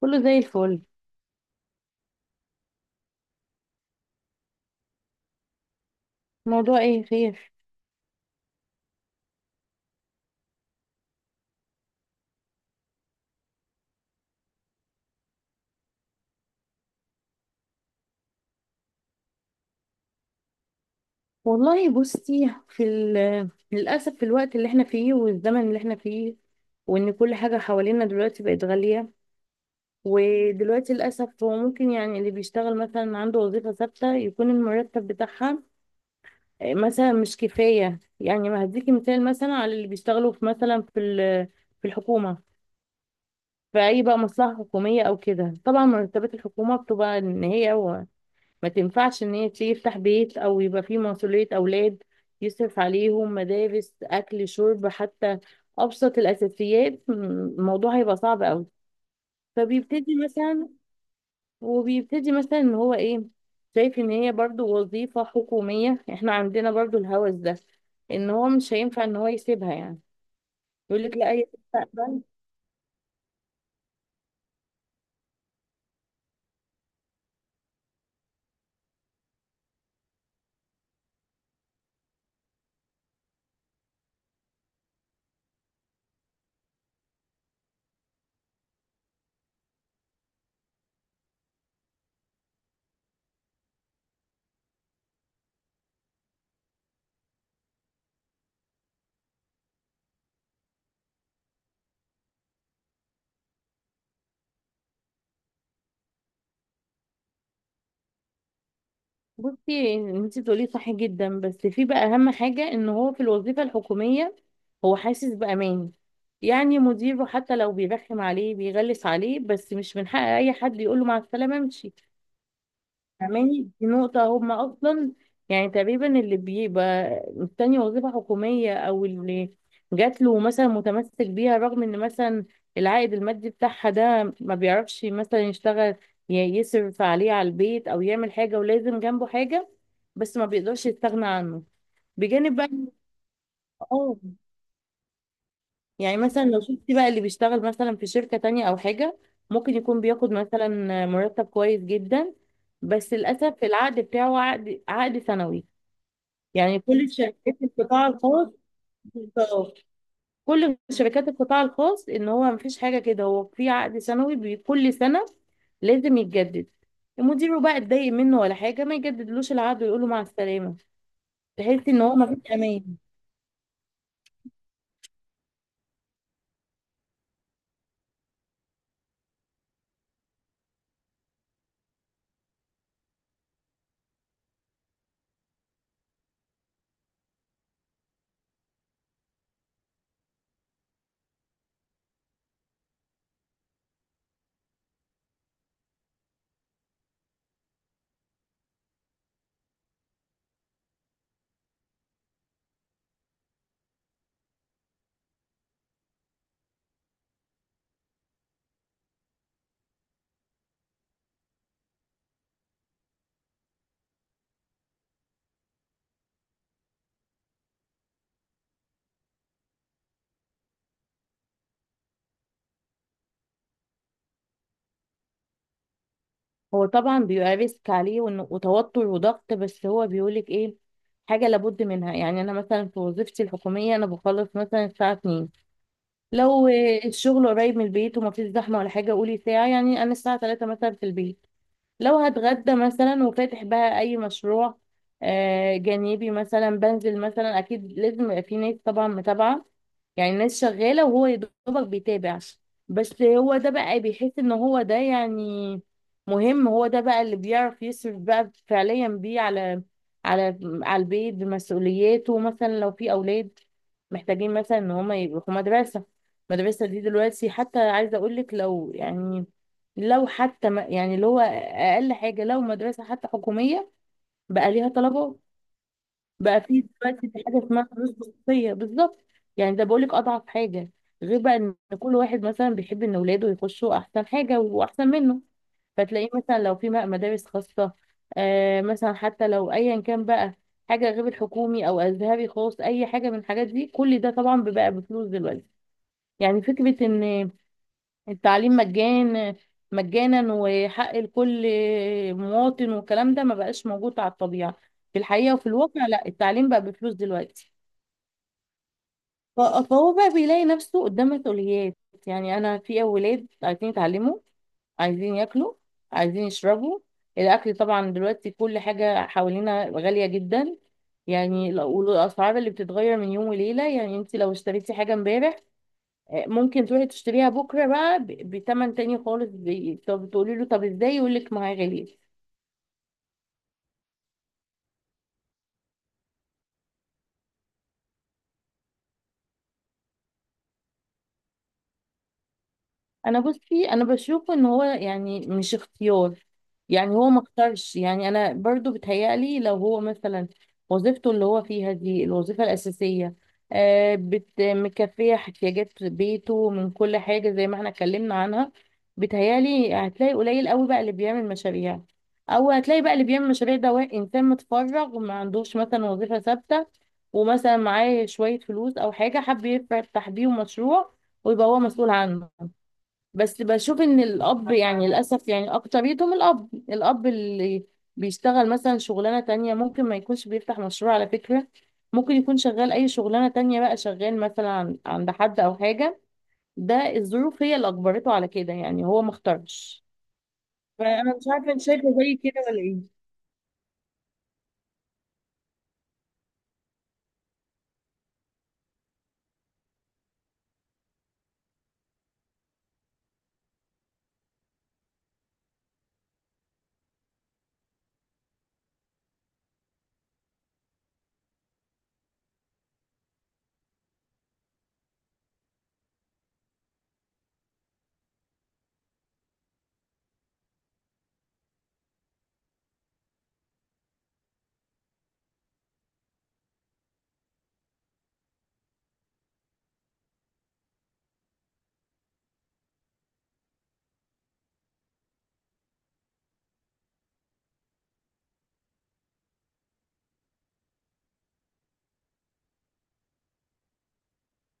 كله زي الفل. موضوع ايه، خير؟ والله، بصي، للأسف في الوقت اللي احنا فيه والزمن اللي احنا فيه، وان كل حاجة حوالينا دلوقتي بقت غالية. ودلوقتي للأسف هو ممكن، يعني اللي بيشتغل مثلا عنده وظيفة ثابتة، يكون المرتب بتاعها مثلا مش كفاية. يعني ما هديكي مثال مثلا على اللي بيشتغلوا في مثلا في الحكومة، في أي بقى مصلحة حكومية أو كده. طبعا مرتبات الحكومة بتبقى إن هي ما تنفعش ان هي تيجي تفتح بيت او يبقى فيه مسؤولية اولاد يصرف عليهم مدارس اكل شرب، حتى ابسط الاساسيات. الموضوع هيبقى صعب قوي. فبيبتدي مثلا، وبيبتدي مثلا ان هو ايه، شايف ان هي برضو وظيفة حكومية. احنا عندنا برضو الهوس ده، ان هو مش هينفع ان هو يسيبها. يعني يقول لك لا، هي بصي انت بتقولي صح جدا، بس في بقى اهم حاجة، ان هو في الوظيفة الحكومية هو حاسس بأمان. يعني مديره حتى لو بيرخم عليه بيغلس عليه، بس مش من حق اي حد يقوله مع السلامة، امشي. فاهماني؟ دي نقطة هما أصلا، يعني تقريبا اللي بيبقى مستني وظيفة حكومية، أو اللي جات له مثلا، متمسك بيها رغم إن مثلا العائد المادي بتاعها ده ما بيعرفش مثلا يشتغل يصرف عليه، على البيت، أو يعمل حاجة ولازم جنبه حاجة، بس ما بيقدرش يستغنى عنه بجانب بقى. اه يعني مثلا لو شفتي بقى اللي بيشتغل مثلا في شركة تانية أو حاجة، ممكن يكون بياخد مثلا مرتب كويس جدا، بس للأسف العقد بتاعه عقد سنوي. يعني كل شركات القطاع الخاص. بالظبط. كل شركات القطاع الخاص، إن هو مفيش حاجة كده، هو في عقد سنوي، كل سنة لازم يتجدد. مديره بقى اتضايق منه ولا حاجة، ما يجددلوش العقد ويقول له مع السلامة. تحس إن هو مفيش أمان. هو طبعا بيبقى ريسك عليه، وتوتر وضغط، بس هو بيقولك ايه، حاجة لابد منها. يعني أنا مثلا في وظيفتي الحكومية، أنا بخلص مثلا الساعة 2، لو الشغل قريب من البيت ومفيش زحمة ولا حاجة قولي ساعة، يعني أنا الساعة 3 مثلا في البيت. لو هتغدى مثلا، وفاتح بقى اي مشروع جانبي مثلا، بنزل مثلا. اكيد لازم يبقى في ناس طبعا متابعه، يعني ناس شغاله وهو يا دوبك بيتابع. بس هو ده بقى بيحس ان هو ده يعني مهم، هو ده بقى اللي بيعرف يصرف بقى فعليا بيه على البيت بمسؤولياته. مثلا لو في اولاد محتاجين مثلا ان هم يروحوا مدرسه، المدرسه دي دلوقتي حتى عايزه اقول لك، لو يعني لو حتى ما يعني، اللي هو اقل حاجه، لو مدرسه حتى حكوميه بقى ليها طلبات. بقى في دلوقتي في حاجه اسمها فلوس خصوصيه. بالظبط. يعني ده بقولك اضعف حاجه، غير بقى ان كل واحد مثلا بيحب ان اولاده يخشوا احسن حاجه واحسن منه. فتلاقيه مثلا لو في مدارس خاصه، آه مثلا، حتى لو ايا كان بقى، حاجه غير الحكومي او ازهري خاص اي حاجه من الحاجات دي، كل ده طبعا بيبقى بفلوس دلوقتي. يعني فكره ان التعليم مجانا، مجانا وحق لكل مواطن، والكلام ده ما بقاش موجود على الطبيعة، في الحقيقة وفي الواقع. لا، التعليم بقى بفلوس دلوقتي. فهو بقى بيلاقي نفسه قدام مسؤوليات. يعني أنا في أولاد عايزين يتعلموا، عايزين ياكلوا، عايزين يشربوا. الأكل طبعا دلوقتي كل حاجة حوالينا غالية جدا. يعني والأسعار اللي بتتغير من يوم وليلة، يعني انت لو اشتريتي حاجة امبارح، ممكن تروحي تشتريها بكره بقى بتمن تاني خالص. طب تقولي له طب ازاي، يقول لك ما هي غاليه. انا بصي، انا بشوف ان هو يعني مش اختيار، يعني هو ما اختارش. يعني انا برضو بتهيألي لو هو مثلا وظيفته اللي هو فيها دي الوظيفة الأساسية، آه بت مكفية احتياجات بيته من كل حاجة زي ما احنا اتكلمنا عنها، بتهيألي هتلاقي قليل قوي بقى اللي بيعمل مشاريع. او هتلاقي بقى اللي بيعمل مشاريع ده انسان متفرغ وما عندوش مثلا وظيفة ثابتة، ومثلا معاه شوية فلوس او حاجة حب يفتح بيهم مشروع ويبقى هو مسؤول عنه. بس بشوف ان الاب يعني للاسف يعني اكتريتهم، الاب اللي بيشتغل مثلا شغلانه تانية، ممكن ما يكونش بيفتح مشروع على فكره. ممكن يكون شغال اي شغلانه تانية بقى، شغال مثلا عند حد او حاجه. ده الظروف هي اللي اجبرته على كده، يعني هو ما اختارش. فانا مش عارفه انت شايفه زي كده ولا ايه.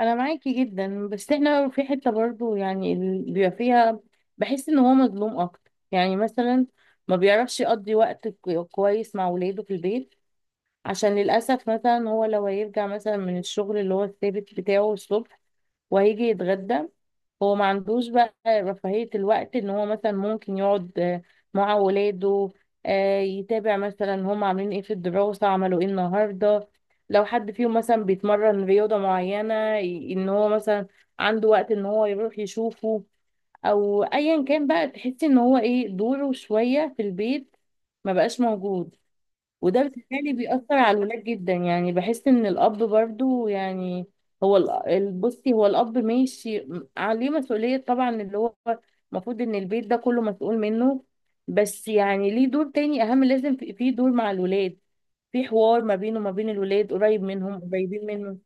انا معاكي جدا، بس احنا في حته برضو يعني بيبقى فيها، بحس ان هو مظلوم اكتر. يعني مثلا ما بيعرفش يقضي وقت كويس مع ولاده في البيت، عشان للأسف مثلا هو لو هيرجع مثلا من الشغل اللي هو الثابت بتاعه الصبح وهيجي يتغدى، هو ما عندوش بقى رفاهية الوقت ان هو مثلا ممكن يقعد مع ولاده، يتابع مثلا هم عاملين ايه في الدراسة، عملوا ايه النهاردة، لو حد فيهم مثلا بيتمرن رياضة معينة، ان هو مثلا عنده وقت ان هو يروح يشوفه، او ايا كان بقى. تحسي ان هو ايه، دوره شوية في البيت ما بقاش موجود. وده بالتالي بيأثر على الولاد جدا. يعني بحس ان الاب برضو، يعني هو بصي، هو الاب ماشي، عليه مسؤولية طبعا، اللي هو المفروض ان البيت ده كله مسؤول منه، بس يعني ليه دور تاني اهم. لازم في دور مع الولاد، في حوار ما بينه وما بين الولاد، قريب منهم قريبين منه.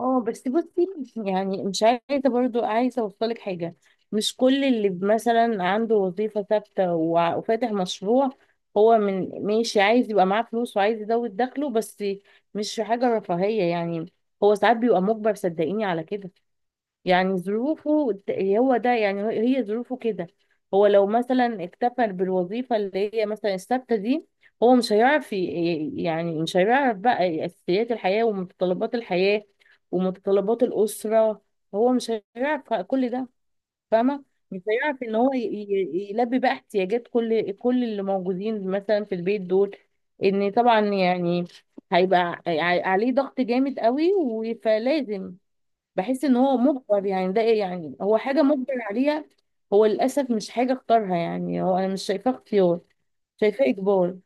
اه بس بصي، يعني مش عايزه برضو، عايزه اوصلك حاجه. مش كل اللي مثلا عنده وظيفه ثابته وفاتح مشروع هو من ماشي عايز يبقى معاه فلوس وعايز يزود دخله بس. مش حاجه رفاهيه. يعني هو ساعات بيبقى مجبر صدقيني على كده. يعني ظروفه، هو ده يعني، هي هي ظروفه كده. هو لو مثلا اكتفى بالوظيفة اللي هي مثلا الثابتة دي، هو مش هيعرف يعني مش هيعرف بقى أساسيات الحياة ومتطلبات الحياة ومتطلبات الأسرة. هو مش هيعرف كل ده. فاهمة؟ مش هيعرف ان هو يلبي بقى احتياجات كل اللي موجودين مثلا في البيت دول. ان طبعا يعني هيبقى عليه ضغط جامد قوي فلازم. بحس ان هو مجبر، يعني ده إيه، يعني هو حاجه مجبر عليها. هو للاسف مش حاجه اختارها، يعني هو انا مش شايفاه اختيار، شايفاه اجبار.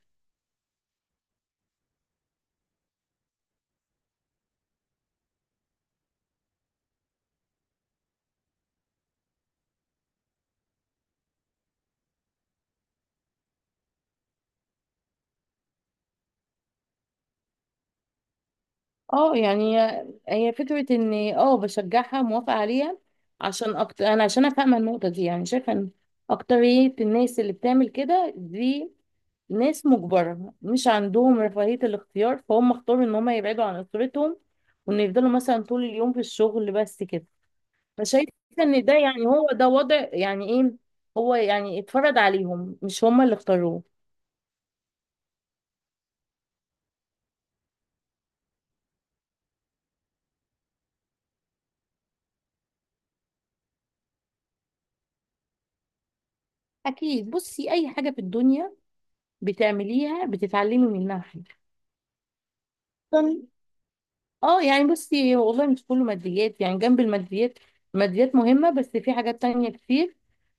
اه يعني هي فكره، ان بشجعها، موافقه عليها. عشان أكتر انا، عشان أنا فاهمه النقطه دي، يعني شايفه ان اكتريه الناس اللي بتعمل كده دي ناس مجبره مش عندهم رفاهيه الاختيار. فهم اختاروا ان هم يبعدوا عن اسرتهم، وان يفضلوا مثلا طول اليوم في الشغل بس كده. فشايفة ان ده يعني هو ده وضع، يعني ايه، هو يعني اتفرض عليهم مش هما اللي اختاروه. اكيد، بصي، اي حاجة في الدنيا بتعمليها بتتعلمي منها حاجة. اه، يعني بصي، هو والله مش كله ماديات، يعني جنب الماديات، الماديات مهمة بس في حاجات تانية كتير.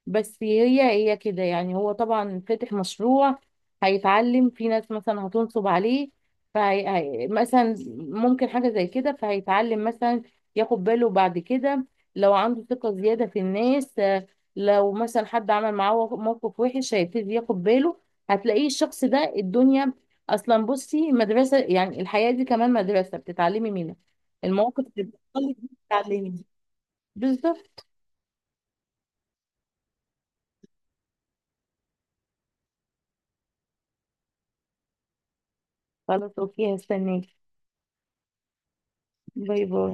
بس هي هي كده. يعني هو طبعا فاتح مشروع هيتعلم، في ناس مثلا هتنصب عليه، فهي مثلا ممكن حاجة زي كده، فهيتعلم مثلا ياخد باله بعد كده. لو عنده ثقة زيادة في الناس لو مثلا حد عمل معاه موقف وحش هيبتدي ياخد باله. هتلاقيه الشخص ده الدنيا اصلا بصي مدرسه، يعني الحياه دي كمان مدرسه بتتعلمي منها، المواقف اللي بتحصل لك دي بتتعلمي. بالظبط. خلاص، اوكي، هستناكي. باي باي.